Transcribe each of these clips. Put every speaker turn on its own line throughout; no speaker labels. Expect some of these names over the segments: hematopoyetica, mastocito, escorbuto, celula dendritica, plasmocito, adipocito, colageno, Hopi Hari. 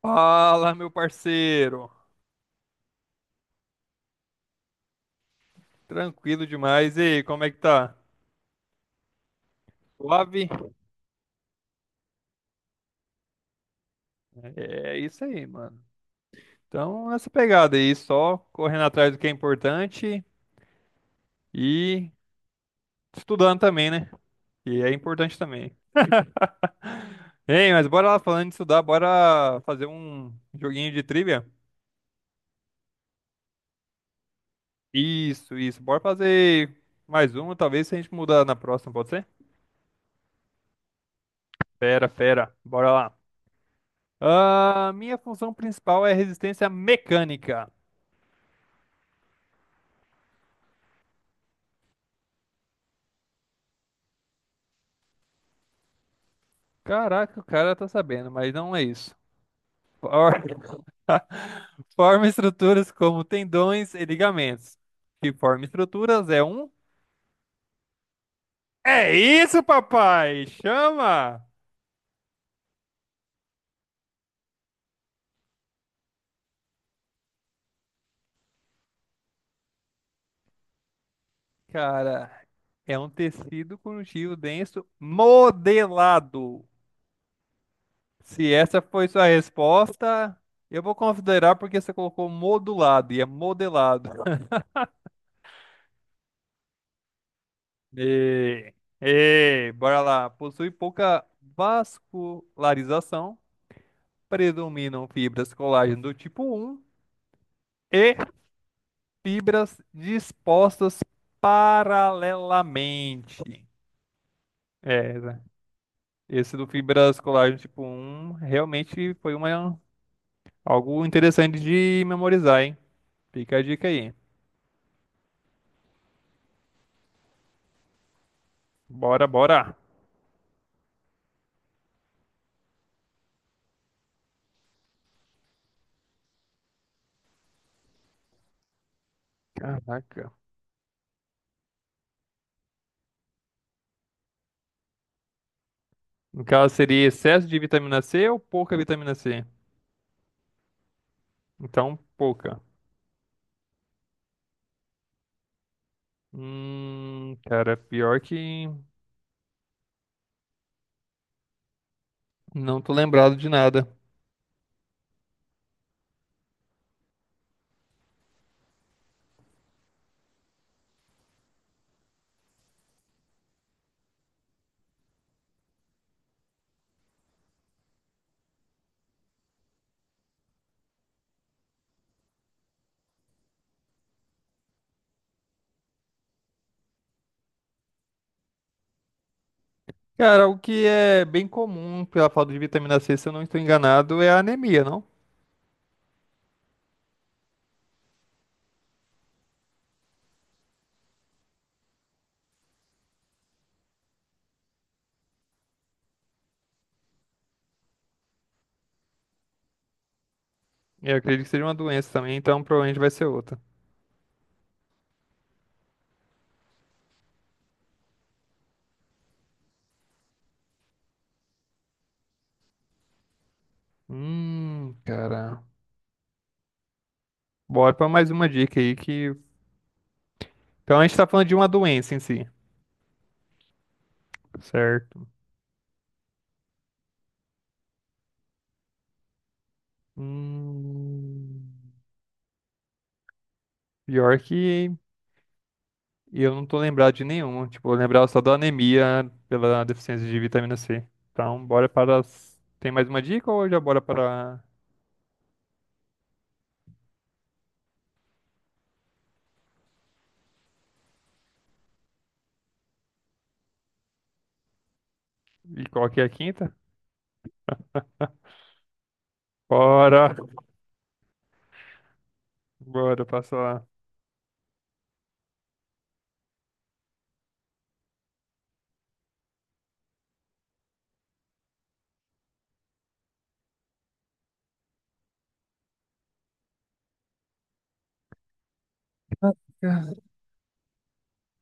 Fala, meu parceiro. Tranquilo demais. E aí, como é que tá? Suave? É isso aí, mano. Então, nessa pegada aí, só correndo atrás do que é importante e estudando também, né? E é importante também. Ei, mas bora lá falando de estudar, bora fazer um joguinho de trivia? Isso, isso. Bora fazer mais um, talvez se a gente mudar na próxima, pode ser? Fera, fera. Bora lá. Ah, minha função principal é resistência mecânica. Caraca, o cara tá sabendo, mas não é isso. For- Forma estruturas como tendões e ligamentos. Que forma estruturas é um. É isso, papai! Chama! Cara, é um tecido conjuntivo denso modelado. Se essa foi sua resposta, eu vou considerar porque você colocou modulado e é modelado. E, e bora lá. Possui pouca vascularização, predominam fibras colágeno do tipo um e fibras dispostas paralelamente. É, né? Esse do fibras colágeno tipo um realmente foi uma, algo interessante de memorizar, hein? Fica a dica aí. Bora, bora. Caraca. No caso, seria excesso de vitamina C ou pouca vitamina C? Então, pouca. Cara, pior que não tô lembrado de nada. Cara, o que é bem comum pela falta de vitamina C, se eu não estou enganado, é a anemia, não? Eu acredito que seja uma doença também, então provavelmente vai ser outra. Cara. Bora pra mais uma dica aí que. Então a gente tá falando de uma doença em si. Certo. Hum, pior que eu não tô lembrado de nenhuma. Tipo, eu lembrava só da anemia pela deficiência de vitamina C. Então, bora para. Tem mais uma dica ou já bora para. E qual que é a quinta? Bora! Bora, passa lá.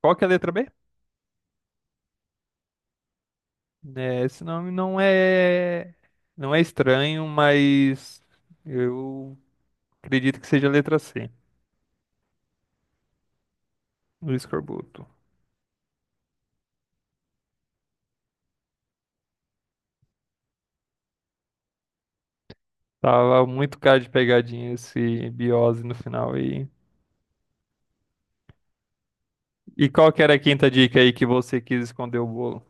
Qual que é a letra B? É, esse nome não é não é estranho, mas eu acredito que seja a letra C, do escorbuto. Tava muito cara de pegadinha esse biose no final aí. E qual que era a quinta dica aí que você quis esconder o bolo?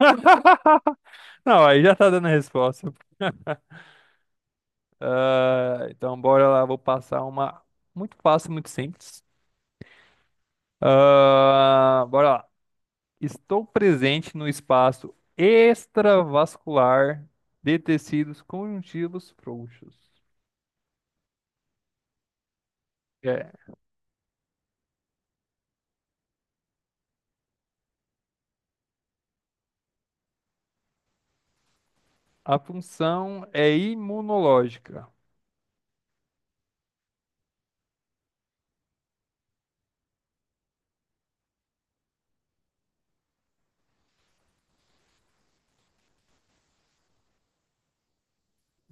Não, aí já tá dando a resposta. Ah, então bora lá, vou passar uma muito fácil, muito simples. Ah, bora lá. Estou presente no espaço extravascular de tecidos conjuntivos frouxos. É. A função é imunológica.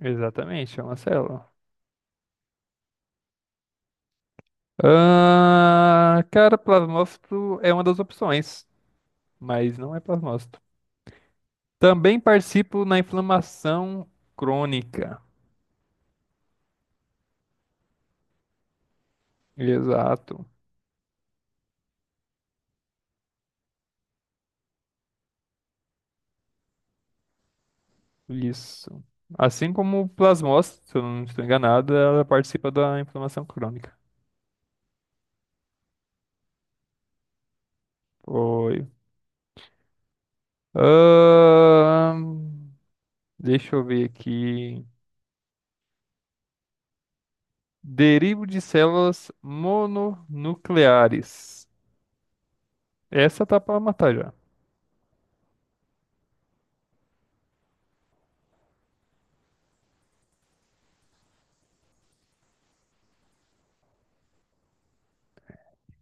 Exatamente, é uma célula. Ah, cara, plasmócito é uma das opções, mas não é plasmócito. Também participo na inflamação crônica. Exato, isso. Assim como o plasmócito, se eu não estou enganado, ela participa da inflamação crônica. Foi. Ahn, Deixa eu ver aqui. Derivo de células mononucleares. Essa tá pra matar já.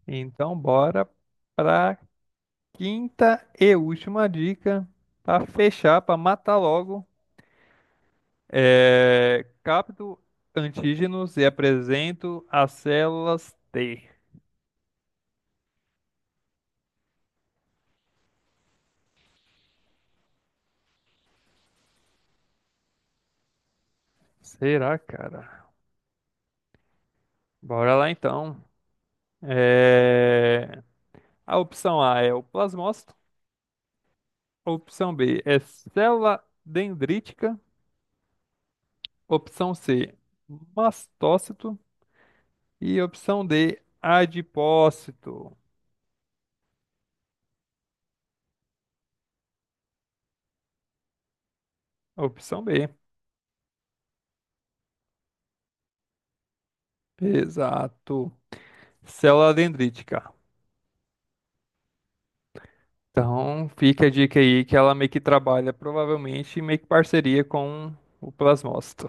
Então, bora pra quinta e última dica. Pra fechar, pra matar logo. É, capto antígenos e apresento as células T. Será, cara? Bora lá então. É, a opção A é o plasmócito. Opção B é célula dendrítica. Opção C, mastócito. E opção D, adipócito. Opção B. Exato. Célula dendrítica. Então, fica a dica aí que ela meio que trabalha, provavelmente, meio que parceria com o plasmócito.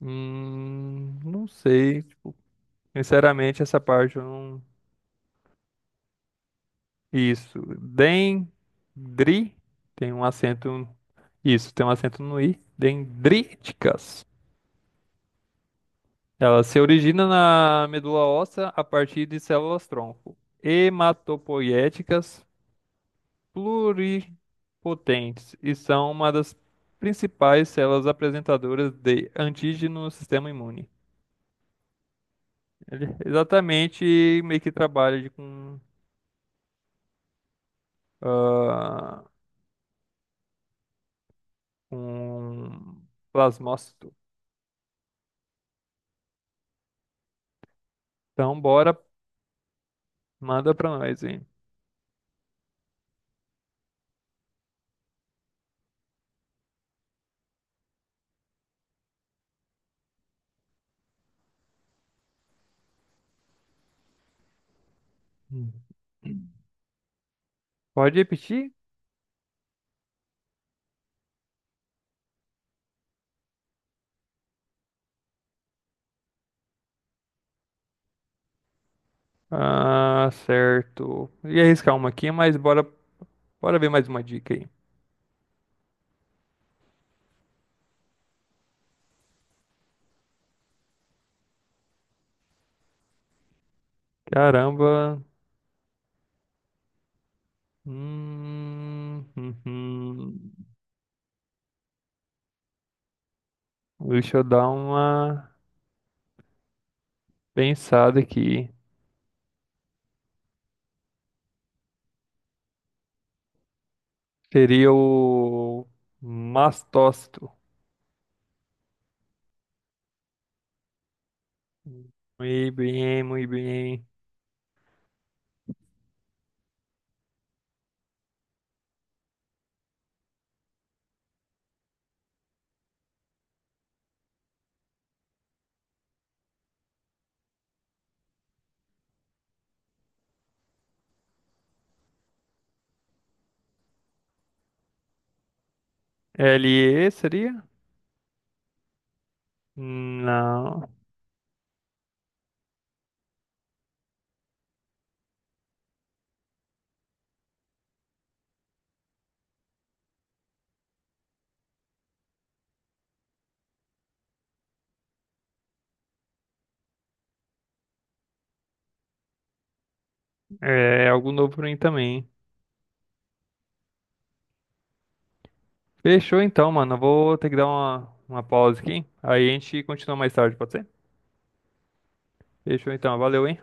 Não sei. Sinceramente, essa parte eu não. Isso. Dendri. Tem um acento. Isso, tem um acento no i. Dendríticas. Ela se origina na medula óssea a partir de células-tronco. Hematopoiéticas pluripotentes e são uma das principais células apresentadoras de antígeno no sistema imune. Ele exatamente meio que trabalha de com, ah, com plasmócito. Então, bora, manda pra nós, hein? Hum. Pode repetir? Ah, certo. Ia arriscar uma aqui, mas bora, bora ver mais uma dica aí. Caramba. Uhum. Deixa eu dar uma pensada aqui. Seria o mastócito. Muito bem, muito bem. L E seria? Não. É algo novo pra mim também. Fechou então, mano. Eu vou ter que dar uma, pausa aqui. Aí a gente continua mais tarde, pode ser? Fechou então. Valeu, hein?